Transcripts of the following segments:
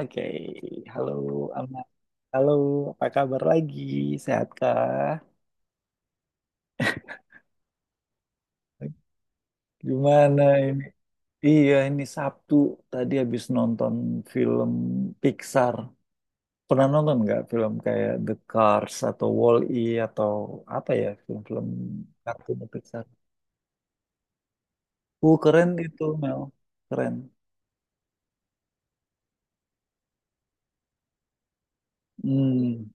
Oke, halo Alma. Halo, apa kabar lagi? Sehatkah? Gimana ini? Iya, ini Sabtu tadi habis nonton film Pixar. Pernah nonton nggak film kayak The Cars atau Wall-E atau apa ya film-film kartun Pixar? Keren itu Mel, keren. Hmm.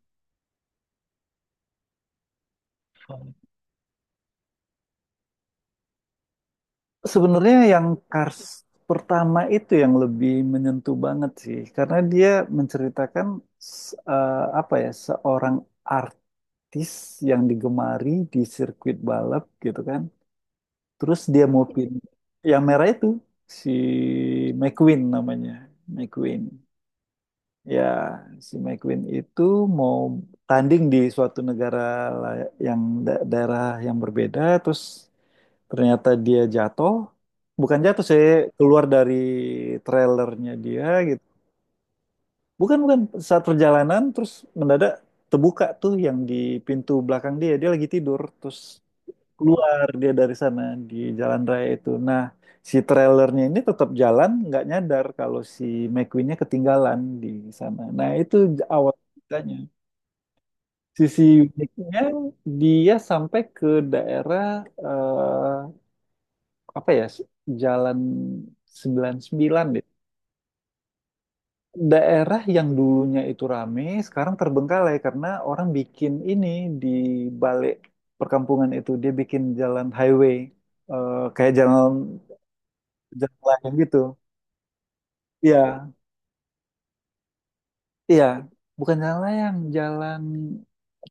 Sebenarnya yang Cars pertama itu yang lebih menyentuh banget sih, karena dia menceritakan apa ya seorang artis yang digemari di sirkuit balap gitu kan. Terus dia mau pin yang merah itu si McQueen namanya, McQueen. Ya, si McQueen itu mau tanding di suatu negara yang daerah yang berbeda, terus ternyata dia jatuh, bukan jatuh sih, keluar dari trailernya dia gitu. Bukan, bukan, saat perjalanan terus mendadak terbuka tuh yang di pintu belakang dia, dia lagi tidur, terus keluar dia dari sana di jalan raya itu. Nah, si trailernya ini tetap jalan, nggak nyadar kalau si McQueen-nya ketinggalan di sana. Nah, itu awal ceritanya. Sisi uniknya dia sampai ke daerah eh, apa ya jalan 99 deh. Daerah yang dulunya itu rame sekarang terbengkalai karena orang bikin ini di balik perkampungan itu dia bikin jalan highway, kayak jalan jalan layang gitu. Iya, iya, bukan jalan layang,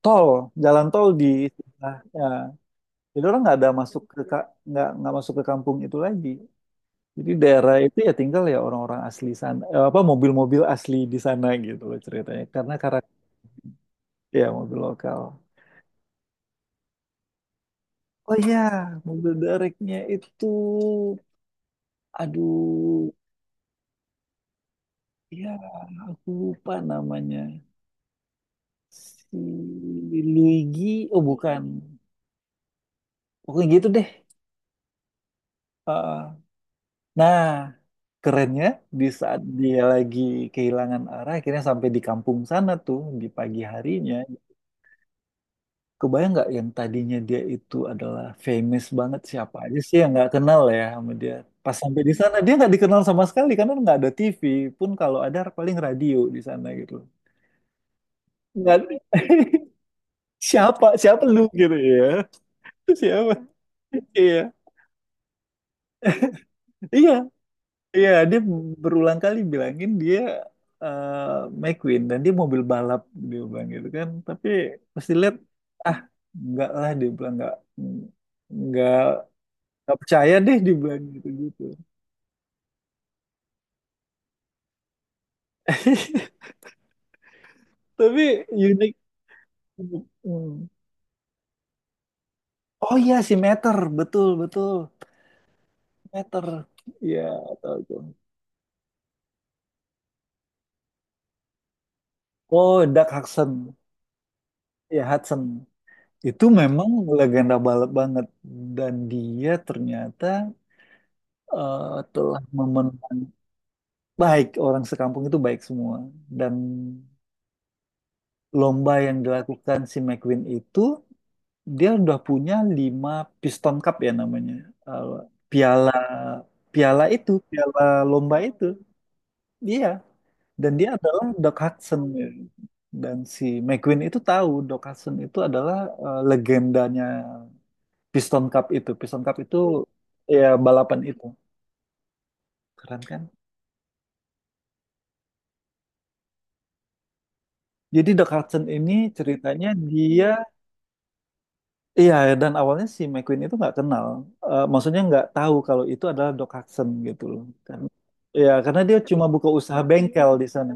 tol, jalan tol di sebelah. Ya. Jadi orang nggak ada masuk ke nggak masuk ke kampung itu lagi. Jadi daerah itu ya tinggal ya orang-orang asli sana, apa mobil-mobil asli di sana gitu loh ceritanya. Karena karakter ya mobil lokal. Oh iya, mobil dereknya itu, aduh, ya aku lupa namanya. Si Luigi, oh bukan, pokoknya gitu deh. Heeh. Nah, kerennya di saat dia lagi kehilangan arah, akhirnya sampai di kampung sana tuh di pagi harinya. Kebayang nggak yang tadinya dia itu adalah famous banget, siapa aja sih yang nggak kenal ya sama dia. Pas sampai di sana dia nggak dikenal sama sekali karena nggak ada TV pun, kalau ada paling radio di sana gitu. Nggak ada. Siapa siapa lu gitu ya, siapa. Iya iya iya, dia berulang kali bilangin dia eh, McQueen dan dia mobil balap, dia bilang gitu kan, tapi pasti lihat ah nggak lah. Dia bilang nggak nggak percaya deh dibilang gitu-gitu. Tapi unik. Hmm. Oh iya si Meter, betul betul. Meter. Iya, tahu itu. Oh, Doug Hudson. Ya Hudson. Itu memang legenda balap banget dan dia ternyata eh, telah memenang baik orang sekampung itu baik semua dan lomba yang dilakukan si McQueen itu, dia udah punya lima Piston Cup ya namanya. Eh, piala piala itu, piala lomba itu. Iya, dan dia adalah Doc Hudson. Ya. Dan si McQueen itu tahu Doc Hudson itu adalah legendanya Piston Cup itu. Piston Cup itu ya balapan itu. Keren kan? Jadi Doc Hudson ini ceritanya dia. Iya, dan awalnya si McQueen itu nggak kenal. Eh, maksudnya nggak tahu kalau itu adalah Doc Hudson gitu loh. Kan, ya karena dia cuma buka usaha bengkel di sana.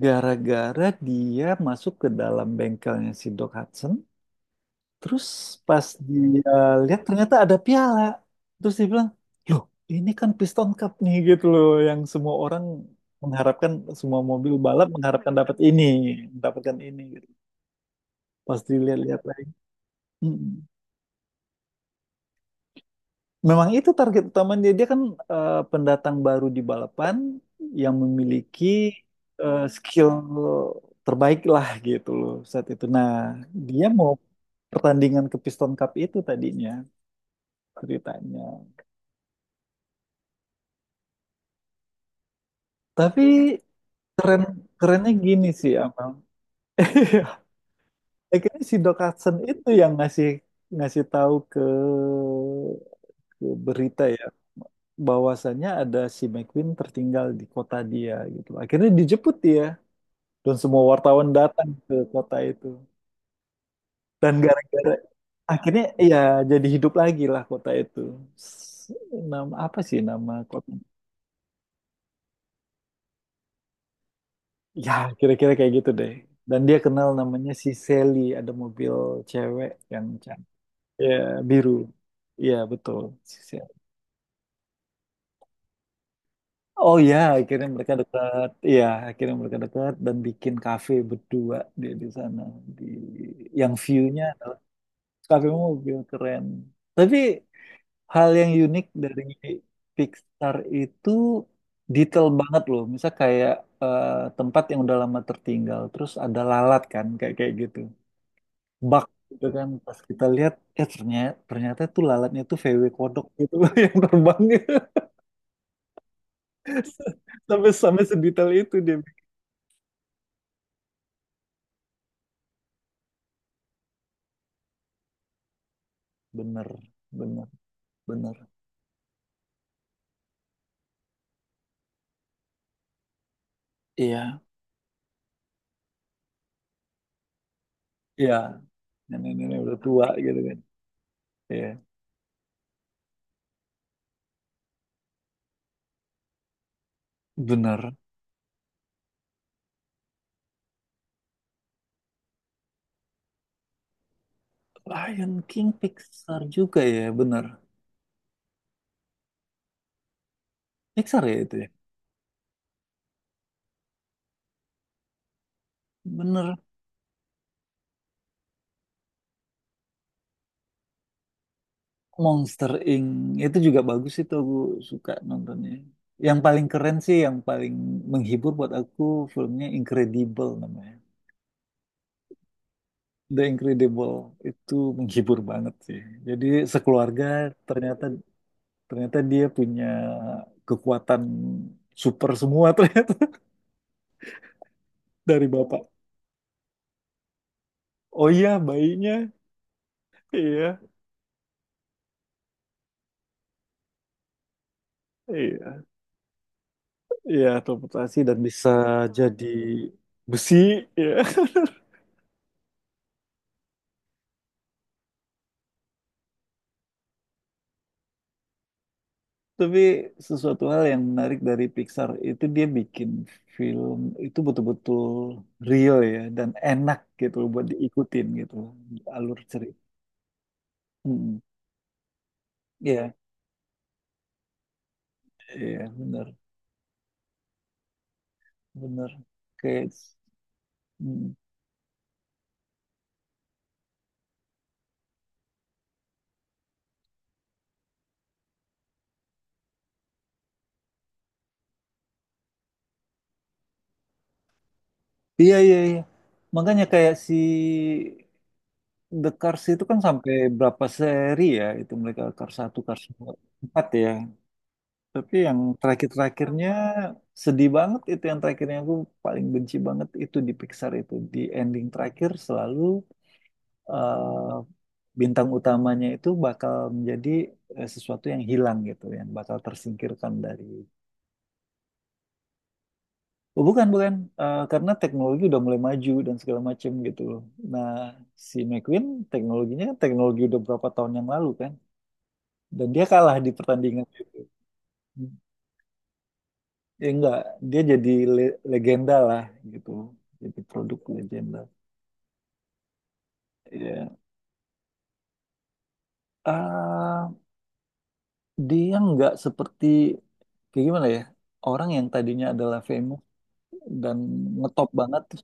Gara-gara dia masuk ke dalam bengkelnya si Doc Hudson, terus pas dia lihat ternyata ada piala, terus dia bilang, loh ini kan Piston Cup nih gitu loh, yang semua orang mengharapkan, semua mobil balap mengharapkan dapat ini, mendapatkan ini. Gitu. Pas dilihat-lihat lagi, "Mm-mm." Memang itu target utamanya. Dia Dia kan pendatang baru di balapan yang memiliki skill terbaik lah gitu loh saat itu. Nah, dia mau pertandingan ke Piston Cup itu tadinya ceritanya. Tapi keren kerennya gini sih, Abang. Akhirnya si Doc Hudson itu yang ngasih ngasih tahu ke berita ya bahwasannya ada si McQueen tertinggal di kota dia gitu. Akhirnya dijemput dia dan semua wartawan datang ke kota itu dan gara-gara akhirnya ya jadi hidup lagi lah kota itu. S- nama apa sih nama kota, ya kira-kira kayak gitu deh, dan dia kenal namanya si Sally, ada mobil cewek yang cantik, ya biru. Iya betul si Sally. Oh ya, akhirnya mereka dekat. Iya, akhirnya mereka dekat dan bikin kafe berdua dia di sana di yang view-nya kafe mobil keren. Tapi hal yang unik dari Pixar itu detail banget loh. Misal kayak eh, tempat yang udah lama tertinggal, terus ada lalat kan, kayak kayak gitu. Bak gitu kan, pas kita lihat, ternyata ternyata tuh lalatnya tuh VW kodok gitu yang terbang gitu sampai sampai sedetail itu dia. Bener, bener, bener. Iya, iya. Nenek-nenek udah tua gitu kan. Iya, bener. Lion King Pixar juga ya, bener. Pixar ya itu ya. Bener. Monster Inc. itu juga bagus, itu aku suka nontonnya. Yang paling keren sih, yang paling menghibur buat aku filmnya Incredible namanya. The Incredible itu menghibur banget sih. Jadi sekeluarga ternyata ternyata dia punya kekuatan super semua ternyata dari bapak. Oh iya bayinya, iya iya iya teleportasi dan bisa jadi besi. Iya. Tapi sesuatu hal yang menarik dari Pixar itu dia bikin film itu betul-betul real ya dan enak gitu loh buat diikutin gitu loh, alur cerita. Mm. Iya, iya benar, benar. Kayak mm. Iya, iya, iya. Makanya kayak si The Cars itu kan sampai berapa seri ya itu mereka Cars satu Cars 2, 4 ya. Tapi yang terakhir-terakhirnya sedih banget, itu yang terakhirnya aku paling benci banget itu di Pixar itu. Di ending terakhir selalu eh, bintang utamanya itu bakal menjadi sesuatu yang hilang gitu, yang bakal tersingkirkan dari. Oh, bukan bukan. Eh, karena teknologi udah mulai maju dan segala macem gitu loh. Nah, si McQueen teknologinya, teknologi udah berapa tahun yang lalu kan, dan dia kalah di pertandingan itu. Ya enggak, dia jadi legenda lah gitu, jadi produk legenda ya. Ah, dia nggak seperti, kayak gimana ya, orang yang tadinya adalah famous dan ngetop banget terus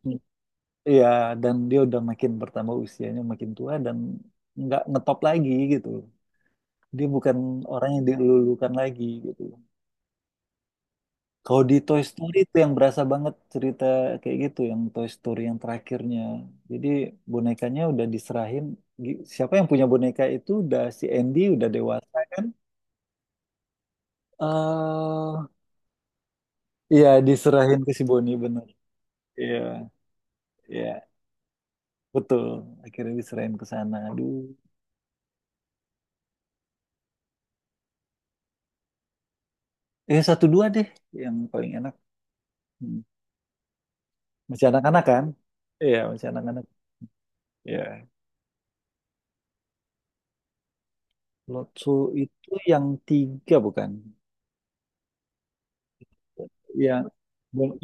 ya, dan dia udah makin bertambah usianya makin tua dan nggak ngetop lagi gitu, dia bukan orang yang dilulukan lagi gitu. Kalau di Toy Story itu yang berasa banget cerita kayak gitu, yang Toy Story yang terakhirnya. Jadi bonekanya udah diserahin. Siapa yang punya boneka itu udah si Andy udah dewasa kan? eh iya diserahin ke si Bonnie bener. Iya, iya betul. Akhirnya diserahin ke sana. Aduh, satu dua deh yang paling enak. Hmm. Masih anak-anak kan? Iya masih anak-anak. Iya. Lotso itu yang tiga bukan? Yang,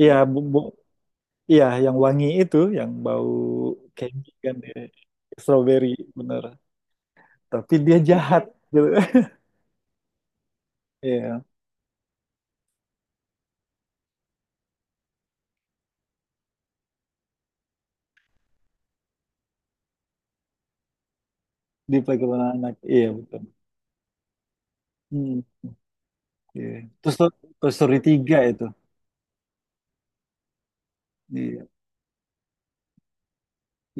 iya. Iya, yang wangi itu, yang bau candy kan ya, strawberry bener. Tapi dia jahat gitu. Iya, di playground anak. Iya betul. Hmm, iya. Terus Toy Story tiga itu. Iya.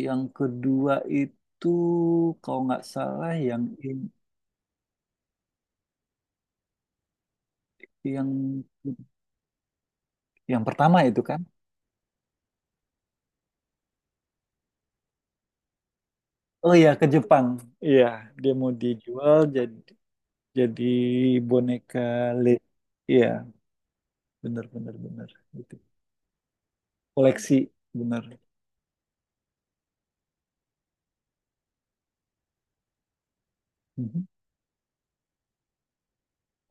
Yang kedua itu kalau nggak salah, yang yang yang pertama itu kan. Oh iya ke Jepang. Iya, dia mau dijual jadi boneka Lego. Iya, bener bener bener. Itu koleksi bener. Hmm.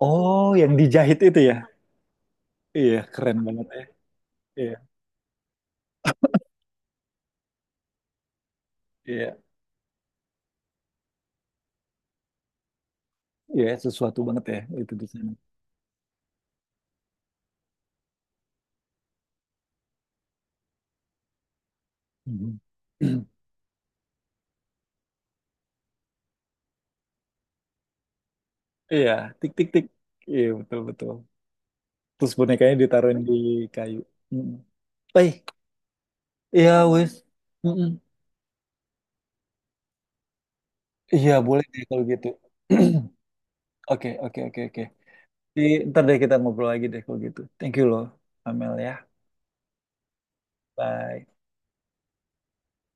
Oh, yang dijahit itu ya? Iya, keren banget ya. Iya, iya, iya, sesuatu banget ya itu di sana. Mhm. Iya, tik tik tik. Iya, betul betul. Terus bonekanya ditaruhin di kayu. Mhm. Eh, iya wes. Mhm. Iya, boleh deh kalau gitu. Oke, oke, oke, oke. Ntar deh kita ngobrol lagi deh kalau gitu. Thank you loh, Amel ya. Bye.